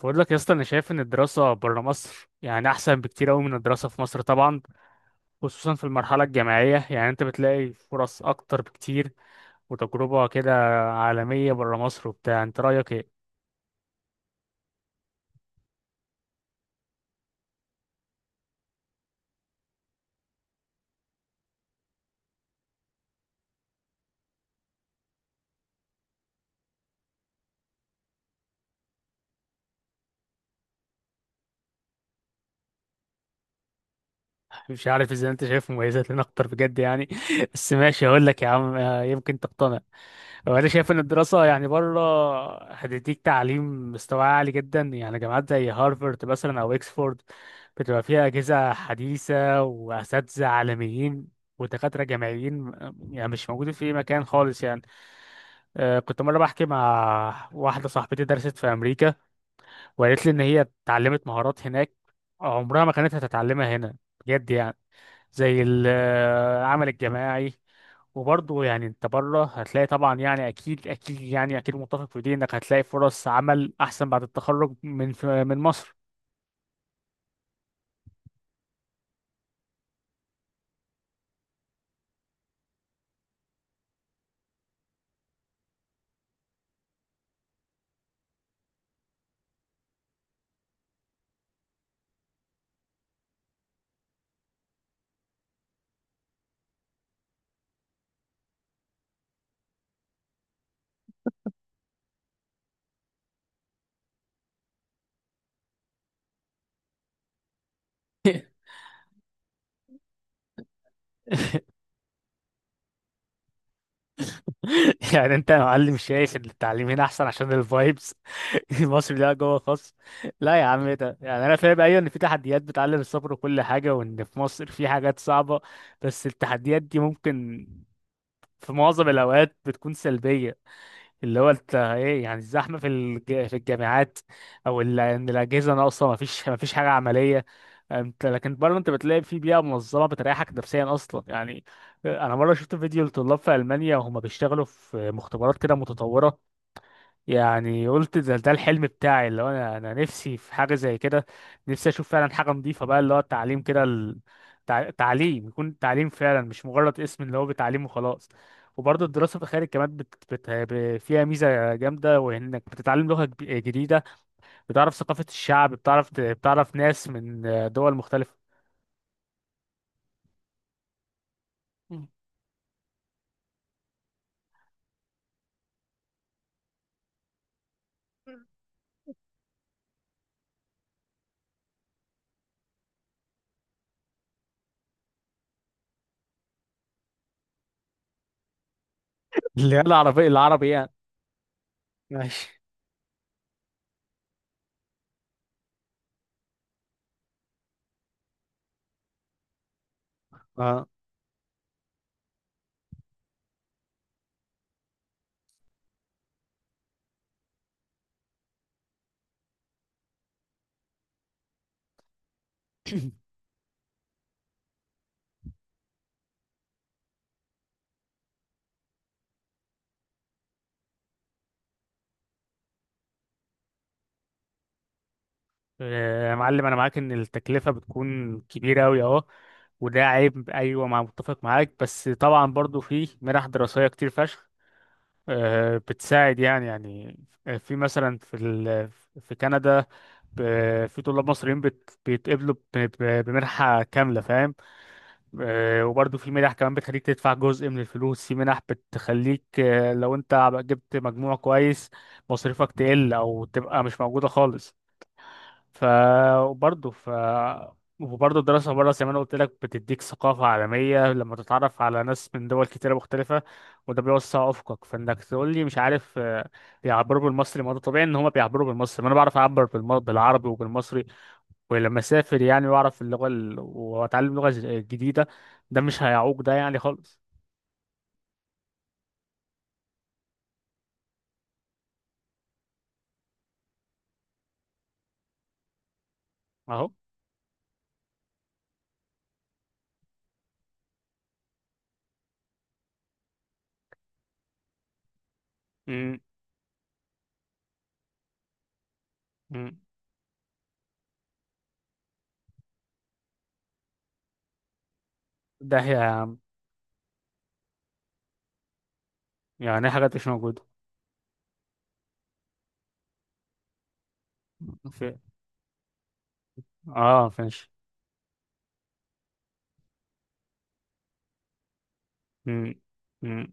بقول لك يا اسطى، انا شايف ان الدراسه بره مصر يعني احسن بكتير قوي من الدراسه في مصر طبعا. خصوصا في المرحله الجامعيه، يعني انت بتلاقي فرص اكتر بكتير وتجربه كده عالميه بره مصر وبتاع. انت رايك ايه؟ مش عارف اذا انت شايف مميزات لنا اكتر بجد يعني. بس ماشي، هقول لك يا عم، يمكن تقتنع. هو انا شايف ان الدراسه يعني بره هتديك تعليم مستوى عالي جدا، يعني جامعات زي هارفارد مثلا او اكسفورد بتبقى فيها اجهزه حديثه واساتذه عالميين ودكاتره جامعيين يعني مش موجودين في اي مكان خالص يعني. كنت مره بحكي مع واحده صاحبتي درست في امريكا، وقالت لي ان هي اتعلمت مهارات هناك عمرها ما كانت هتتعلمها هنا بجد يعني، زي العمل الجماعي. وبرضه يعني انت بره هتلاقي طبعا، يعني اكيد يعني اكيد متفق في دي انك هتلاقي فرص عمل احسن بعد التخرج من مصر. يعني انت يا معلم شايف ان التعليم هنا احسن عشان الفايبس المصري ده جوه خاص. لا يا عم، ايه ده؟ يعني انا فاهم، ايوه، ان في تحديات بتعلم الصبر وكل حاجه، وان في مصر في حاجات صعبه، بس التحديات دي ممكن في معظم الاوقات بتكون سلبيه. اللي هو انت ايه يعني الزحمه في في الجامعات، او ان الاجهزه ناقصه، ما فيش حاجه عمليه. انت لكن بره انت بتلاقي في بيئه منظمه بتريحك نفسيا اصلا يعني. انا مره شفت فيديو لطلاب في المانيا وهم بيشتغلوا في مختبرات كده متطوره، يعني قلت ده الحلم بتاعي، اللي هو انا نفسي في حاجه زي كده. نفسي اشوف فعلا حاجه نظيفه بقى، اللي هو التعليم كده تعليم يكون تعليم فعلا مش مجرد اسم اللي هو بتعليم وخلاص. وبرضه الدراسه في الخارج كمان فيها ميزه جامده، وانك بتتعلم لغه جديده، بتعرف ثقافه الشعب، بتعرف بتعرف ناس من دول مختلفه. اللي هي العربية، العربي يعني. ماشي. اه، يا معلم انا معاك ان التكلفه بتكون كبيره قوي اهو، وده عيب، ايوه، مع متفق معاك، بس طبعا برضو في منح دراسيه كتير فشخ بتساعد يعني يعني. في مثلا في في كندا، في طلاب مصريين بت... بيتقبلوا ب... ب- بمنحه كامله فاهم. وبرضو في منح كمان بتخليك تدفع جزء من الفلوس، في منح بتخليك، لو انت جبت مجموع كويس، مصاريفك تقل او تبقى مش موجوده خالص. ف وبرضه ف وبرضه الدراسة بره زي ما أنا قلت لك بتديك ثقافة عالمية لما تتعرف على ناس من دول كتيرة مختلفة، وده بيوسع أفقك. فإنك تقول لي مش عارف، بيعبروا بالمصري، ما ده طبيعي إن هما بيعبروا بالمصري، ما أنا بعرف أعبر بالعربي وبالمصري. ولما أسافر يعني وأعرف اللغة وأتعلم لغة جديدة، ده مش هيعوق ده يعني خالص. أهو. م- م. ده هي. يعني حاجات مش موجودة. في... آه فنش. م- م-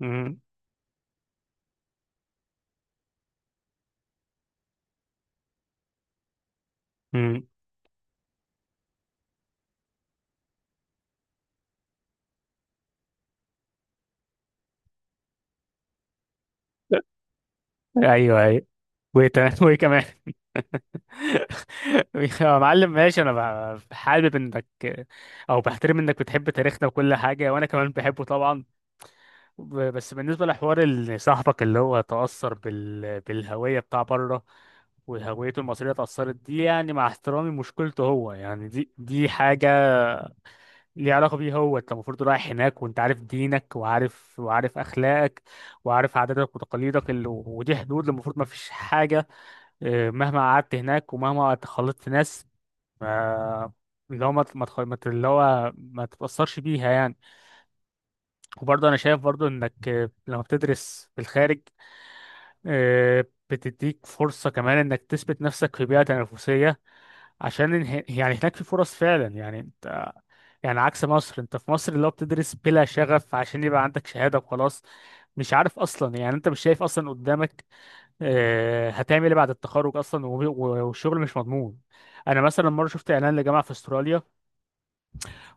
م- م. ايوه ايوه. وايه، تمام. وايه كمان؟ يا معلم ماشي، انا حابب انك، او بحترم انك بتحب تاريخنا وكل حاجه، وانا كمان بحبه طبعا. بس بالنسبه لحوار صاحبك اللي هو تاثر بالهويه بتاع بره وهويته المصريه اتاثرت دي، يعني مع احترامي مشكلته هو يعني دي حاجه ليها علاقه بيه هو. انت المفروض رايح هناك وانت عارف دينك وعارف اخلاقك وعارف عاداتك وتقاليدك ودي حدود المفروض ما فيش حاجه. إيه، مهما قعدت هناك ومهما اتخلطت في ناس، ما، اللي هو ما ت- ما تخ- ما ت- اللي هو ما تتأثرش بيها يعني. وبرضه أنا شايف برضه إنك، لما بتدرس في الخارج، آه، بتديك فرصة كمان إنك تثبت نفسك في بيئة تنافسية. عشان يعني هناك في فرص فعلا، يعني انت، يعني عكس مصر، انت في مصر اللي هو بتدرس بلا شغف عشان يبقى عندك شهادة وخلاص. مش عارف اصلا، يعني انت مش شايف اصلا قدامك هتعمل ايه بعد التخرج اصلا، والشغل مش مضمون. انا مثلا مره شفت اعلان لجامعه في استراليا،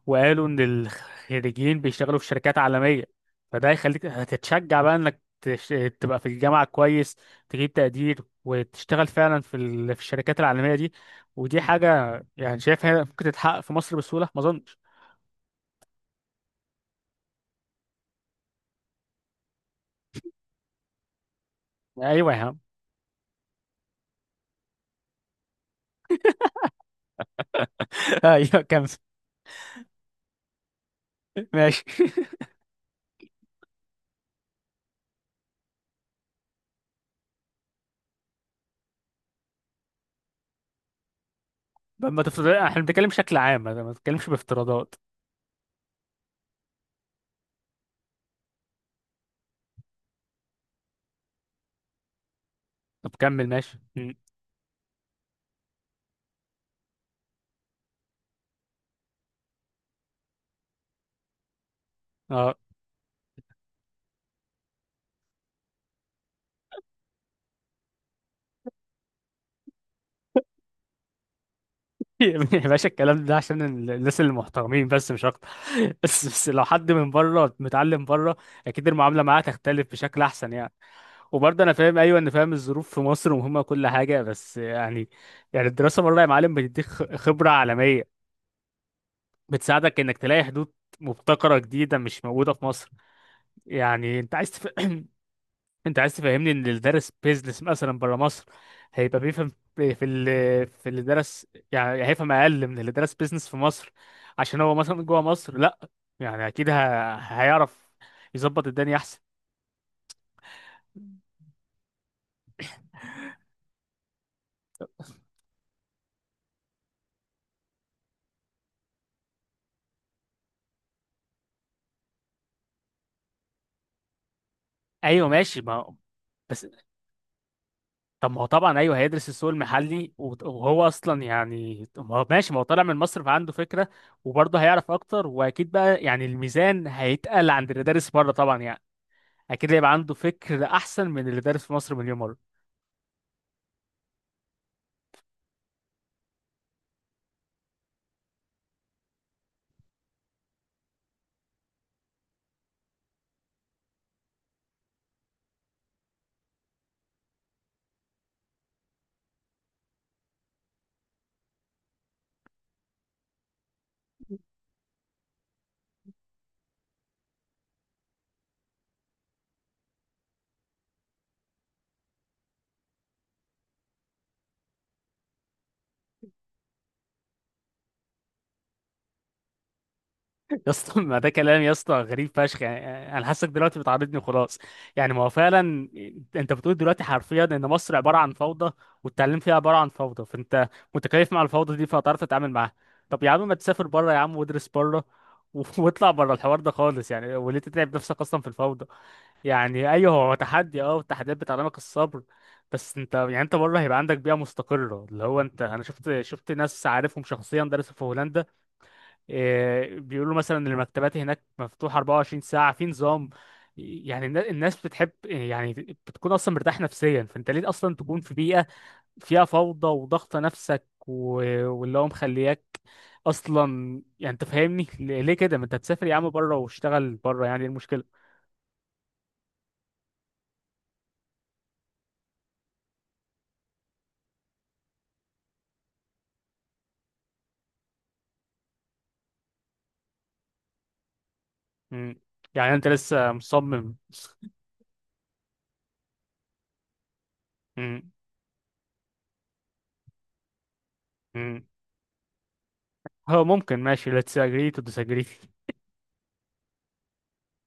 وقالوا ان الخريجين بيشتغلوا في شركات عالميه. فده هيخليك هتتشجع بقى انك تبقى في الجامعه كويس، تجيب تقدير، وتشتغل فعلا في في الشركات العالميه دي. ودي حاجه يعني شايف هي ممكن تتحقق في مصر بسهوله، ما اظنش. ايوه يا عم. ايوه كمل. ماشي. ما تفترض، احنا بنتكلم بشكل عام، ما بنتكلمش بافتراضات. طب كمل، ماشي. م. اه. يا باشا، الكلام ده عشان الناس اللي محترمين بس مش اكتر. بس لو حد من بره متعلم بره اكيد المعامله معاه تختلف بشكل احسن يعني. وبرضه انا فاهم ايوه ان فاهم الظروف في مصر مهمه كل حاجه، بس يعني، يعني الدراسه بره يا معلم بتديك خبره عالميه، بتساعدك انك تلاقي حدود مبتكره جديده مش موجوده في مصر. يعني انت عايز انت عايز تفهمني ان اللي درس بيزنس مثلا بره مصر هيبقى بيفهم في في اللي درس، يعني هيفهم اقل من اللي درس بيزنس في مصر عشان هو مثلا جوه مصر؟ لا، يعني اكيد هيعرف يظبط الدنيا احسن. ايوه ماشي، ما هو- بس. طب ما هو طبعا ايوه هيدرس السوق المحلي وهو اصلا يعني ما هو ماشي، ما هو طالع من مصر فعنده فكره، وبرضه هيعرف اكتر، واكيد بقى يعني الميزان هيتقل عند اللي دارس بره طبعا يعني. اكيد هيبقى عنده فكر احسن من اللي دارس في مصر مليون مره. يا اسطى، ما ده كلام يا اسطى غريب فشخ يعني، انا حاسك دلوقتي بتعاردني وخلاص. يعني ما هو فعلا انت بتقول دلوقتي حرفيا ان مصر عباره عن فوضى، والتعليم فيها عباره عن فوضى، فانت متكيف مع الفوضى دي فهتعرف تتعامل معاها. طب يا عم ما تسافر بره يا عم، وادرس بره، واطلع بره الحوار ده خالص يعني. وليه تتعب نفسك اصلا في الفوضى؟ يعني ايوه هو تحدي اه، والتحديات بتعلمك الصبر، بس انت يعني انت بره هيبقى عندك بيئه مستقره. اللي هو انت، انا شفت، شفت ناس عارفهم شخصيا درسوا في هولندا، إيه، بيقولوا مثلا إن المكتبات هناك مفتوحة 24 ساعة في نظام. يعني الناس بتحب يعني بتكون اصلا مرتاح نفسيا. فانت ليه اصلا تكون في بيئة فيها فوضى وضغط نفسك واللي هو مخلياك اصلا يعني؟ انت فاهمني ليه، ليه كده؟ ما انت تسافر يا عم بره واشتغل بره، يعني ايه المشكلة؟ مم. يعني انت لسه مصمم؟ مم. مم. هو ممكن، ماشي، let's agree to disagree.